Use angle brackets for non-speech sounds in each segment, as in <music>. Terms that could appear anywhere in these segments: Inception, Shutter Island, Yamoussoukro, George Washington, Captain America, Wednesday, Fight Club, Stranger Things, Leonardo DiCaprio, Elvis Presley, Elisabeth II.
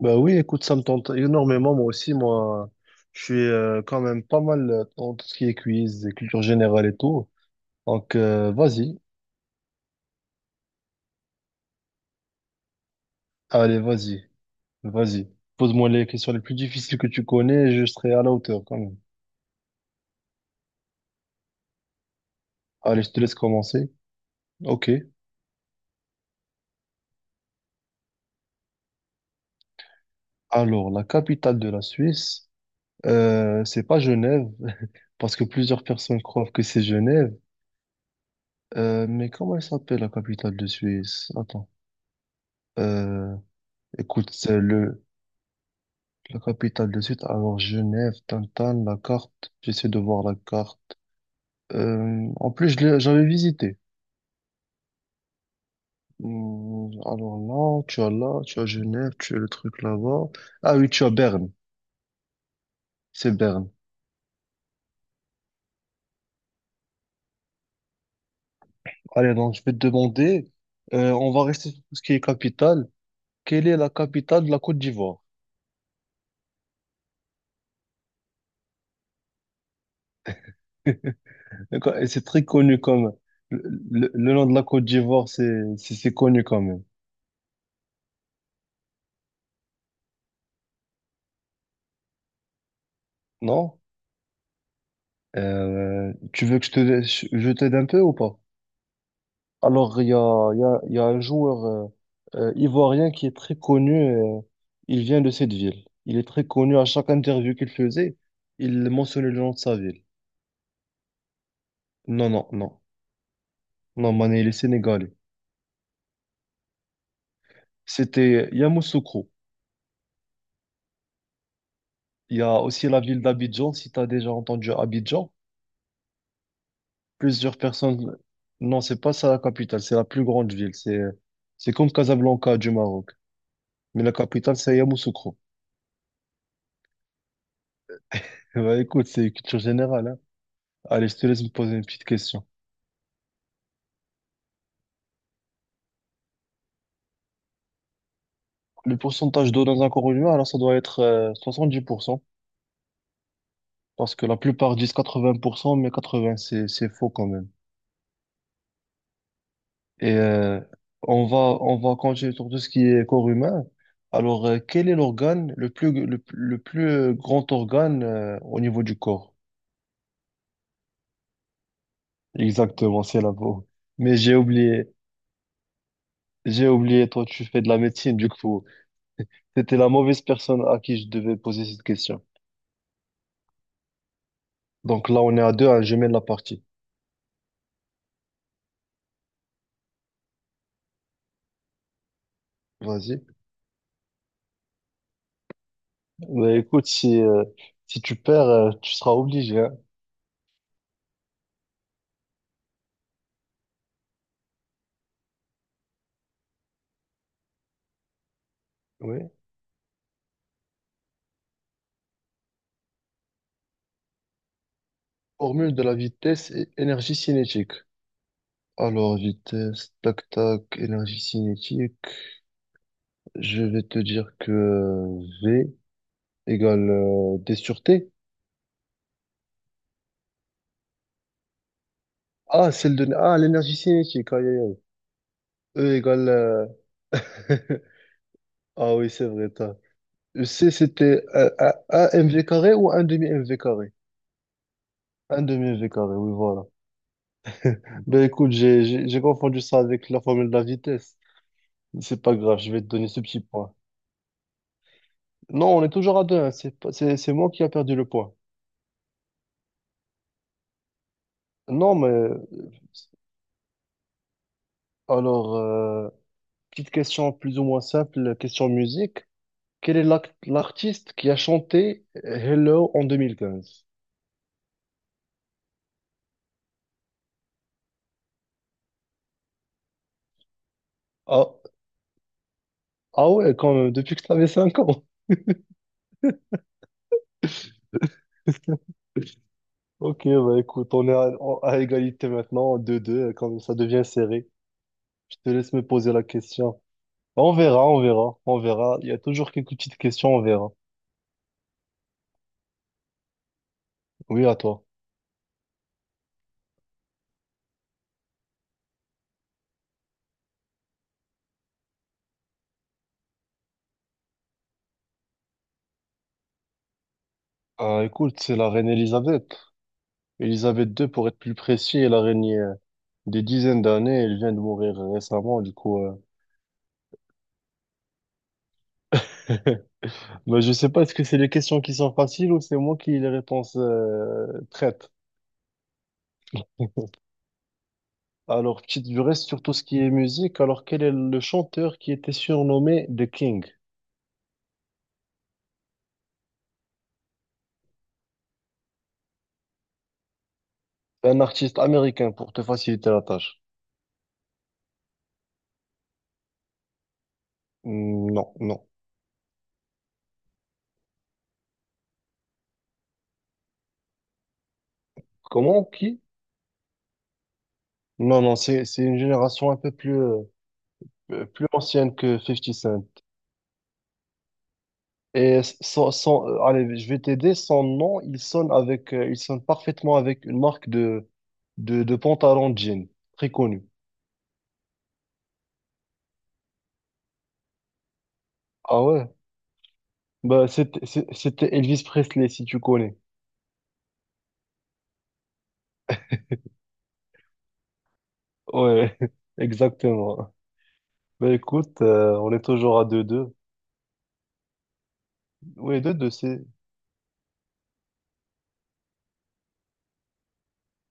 Bah oui, écoute, ça me tente énormément, moi aussi, moi, je suis quand même pas mal dans tout ce qui est quiz, et culture générale et tout. Vas-y, allez, vas-y, vas-y. Pose-moi les questions les plus difficiles que tu connais, et je serai à la hauteur quand même. Allez, je te laisse commencer. Ok. Alors, la capitale de la Suisse, c'est pas Genève, <laughs> parce que plusieurs personnes croient que c'est Genève. Mais comment elle s'appelle la capitale de Suisse? Attends. Euh, écoute, c'est le La capitale de suite, alors Genève, Tintin, la carte, j'essaie de voir la carte. En plus, j'avais visité. Alors là, tu as Genève, tu as le truc là-bas. Ah oui, tu as Berne, c'est Berne. Allez, donc je vais te demander, on va rester sur tout ce qui est capitale. Quelle est la capitale de la Côte d'Ivoire? <laughs> D'accord, et c'est très connu quand même. Le, le nom de la Côte d'Ivoire, c'est connu quand même, non? Tu veux que je t'aide un peu ou pas? Alors, il y a un joueur ivoirien qui est très connu. Euh, il vient de cette ville. Il est très connu. À chaque interview qu'il faisait, il mentionnait le nom de sa ville. Non, non, non. Non, Mané, il est sénégalais. C'était Yamoussoukro. Il y a aussi la ville d'Abidjan. Si tu as déjà entendu Abidjan, plusieurs personnes... Non, c'est pas ça la capitale. C'est la plus grande ville. C'est comme Casablanca du Maroc. Mais la capitale, c'est Yamoussoukro. <laughs> Bah, écoute, c'est culture générale, hein. Allez, je te laisse me poser une petite question. Le pourcentage d'eau dans un corps humain, alors ça doit être 70%, parce que la plupart disent 80%, mais 80%, c'est faux quand même. Et euh, on va continuer sur tout ce qui est corps humain. Alors, quel est l'organe, le plus grand organe au niveau du corps? Exactement, c'est la peau. Mais j'ai oublié, toi, tu fais de la médecine, du coup. C'était la mauvaise personne à qui je devais poser cette question. Donc là, on est à deux, hein, je mène la partie. Vas-y. Mais écoute, si tu perds, tu seras obligé, hein. Oui. Formule de la vitesse et énergie cinétique. Alors, vitesse, tac, tac, énergie cinétique. Je vais te dire que V égale D sur T. Ah, celle de... Ah, l'énergie cinétique. Aïe, aïe, aïe. E égale... <laughs> Ah oui, c'est vrai, t'as. E, C, c'était un MV carré ou un demi-MV carré? Un demi-MV carré, oui, voilà. Ben écoute, j'ai confondu ça avec la formule de la vitesse. C'est pas grave, je vais te donner ce petit point. Non, on est toujours à deux, hein. C'est pas- c'est moi qui a perdu le point. Non, mais alors, petite question plus ou moins simple, question musique. Quel est l'artiste qui a chanté Hello en 2015? Ah, ah ouais, quand même, depuis que tu avais 5 ans. Ok, bah écoute, on est à, à égalité maintenant, deux deux quand ça devient serré. Je te laisse me poser la question. Bah, on verra, on verra, on verra. Il y a toujours quelques petites questions, on verra. Oui, à toi. Ah, écoute, c'est la reine Elisabeth. Elisabeth II, pour être plus précis, elle a régné des dizaines d'années. Elle vient de mourir récemment, du coup. Euh, <laughs> bah, je sais pas, est-ce que c'est les questions qui sont faciles ou c'est moi qui les réponses traite? Alors, petite du reste sur tout ce qui est musique. Alors, quel est le chanteur qui était surnommé The King? Un artiste américain pour te faciliter la tâche. Hmm, non, non. Comment? Qui? Non, non, c'est une génération un peu plus plus ancienne que 50 Cent. Et allez, je vais t'aider. Son nom, il sonne avec, il sonne parfaitement avec une marque de pantalon de jean, très connue. Ah ouais? Bah, c'était Elvis Presley, si tu connais. Ouais, <laughs> exactement. Bah, écoute, on est toujours à deux deux. Oui, deux deux c'est.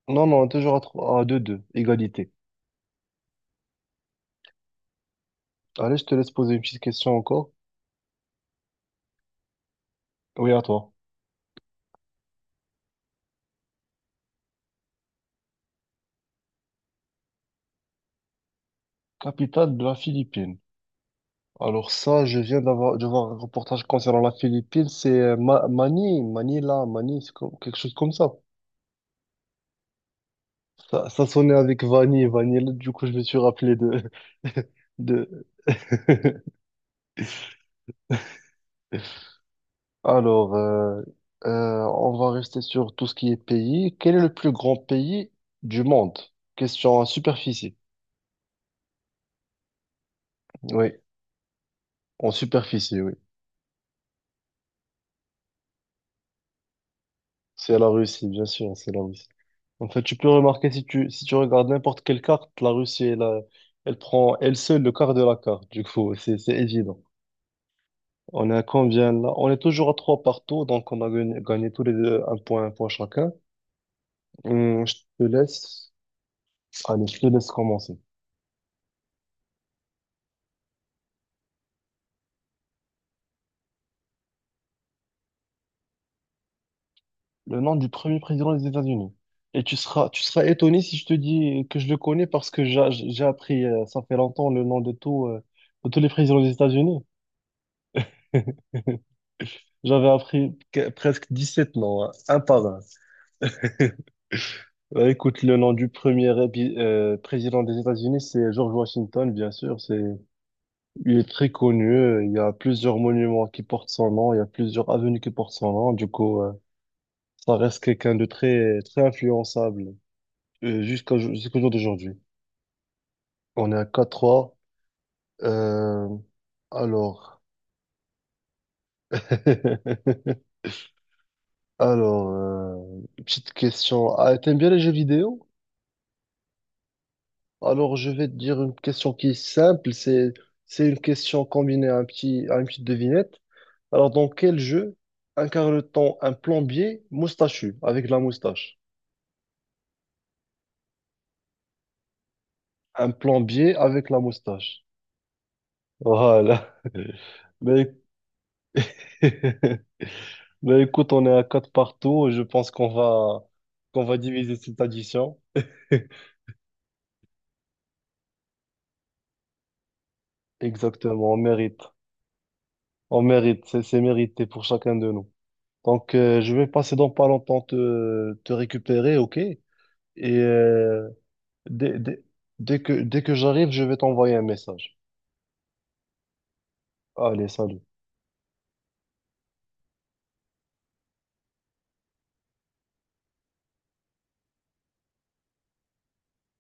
Non, non, on est toujours à deux deux égalité. Allez, je te laisse poser une petite question encore. Oui, à toi. Capitale de la Philippine. Alors ça, je viens d'avoir de voir un reportage concernant la Philippine, c'est Mani, Manila, Mani, quelque chose comme ça. Ça sonnait avec Vanille, Vanille, du coup je me suis rappelé de... <laughs> de... <laughs> Alors, on va rester sur tout ce qui est pays. Quel est le plus grand pays du monde? Question en superficie. Oui, en superficie, oui. C'est la Russie, bien sûr, c'est la Russie. En fait, tu peux remarquer si tu regardes n'importe quelle carte, la Russie, elle prend elle seule le quart de la carte. Du coup, c'est évident. On est à combien là? On est toujours à trois partout, donc on a gagné, gagné tous les deux un point chacun. Je te laisse. Allez, je te laisse commencer. Le nom du premier président des États-Unis. Et tu seras étonné si je te dis que je le connais parce que j'ai appris, ça fait longtemps, le nom de tout, de tous les présidents des États-Unis. <laughs> J'avais appris presque sept noms, hein, un par un. <laughs> Bah, écoute, le nom du premier président des États-Unis, c'est George Washington, bien sûr. C'est, il est très connu. Euh, il y a plusieurs monuments qui portent son nom. Il y a plusieurs avenues qui portent son nom. Ça reste quelqu'un de très, très influençable jusqu'au jour d'aujourd'hui. On est à quatre trois. Euh, alors, <laughs> alors, euh, petite question. Ah, t'aimes bien les jeux vidéo? Alors, je vais te dire une question qui est simple. C'est une question combinée à à une petite devinette. Alors, dans quel jeu incarne-t-on un plombier moustachu avec la moustache? Un plombier avec la moustache. Voilà. <laughs> Mais, <laughs> mais écoute, on est à quatre partout. Je pense qu'on va diviser cette addition. <laughs> Exactement, on mérite. On mérite, c'est mérité pour chacun de nous. Je vais passer dans pas longtemps te récupérer, ok? Et euh, dès, dès, dès que j'arrive, je vais t'envoyer un message. Allez, salut.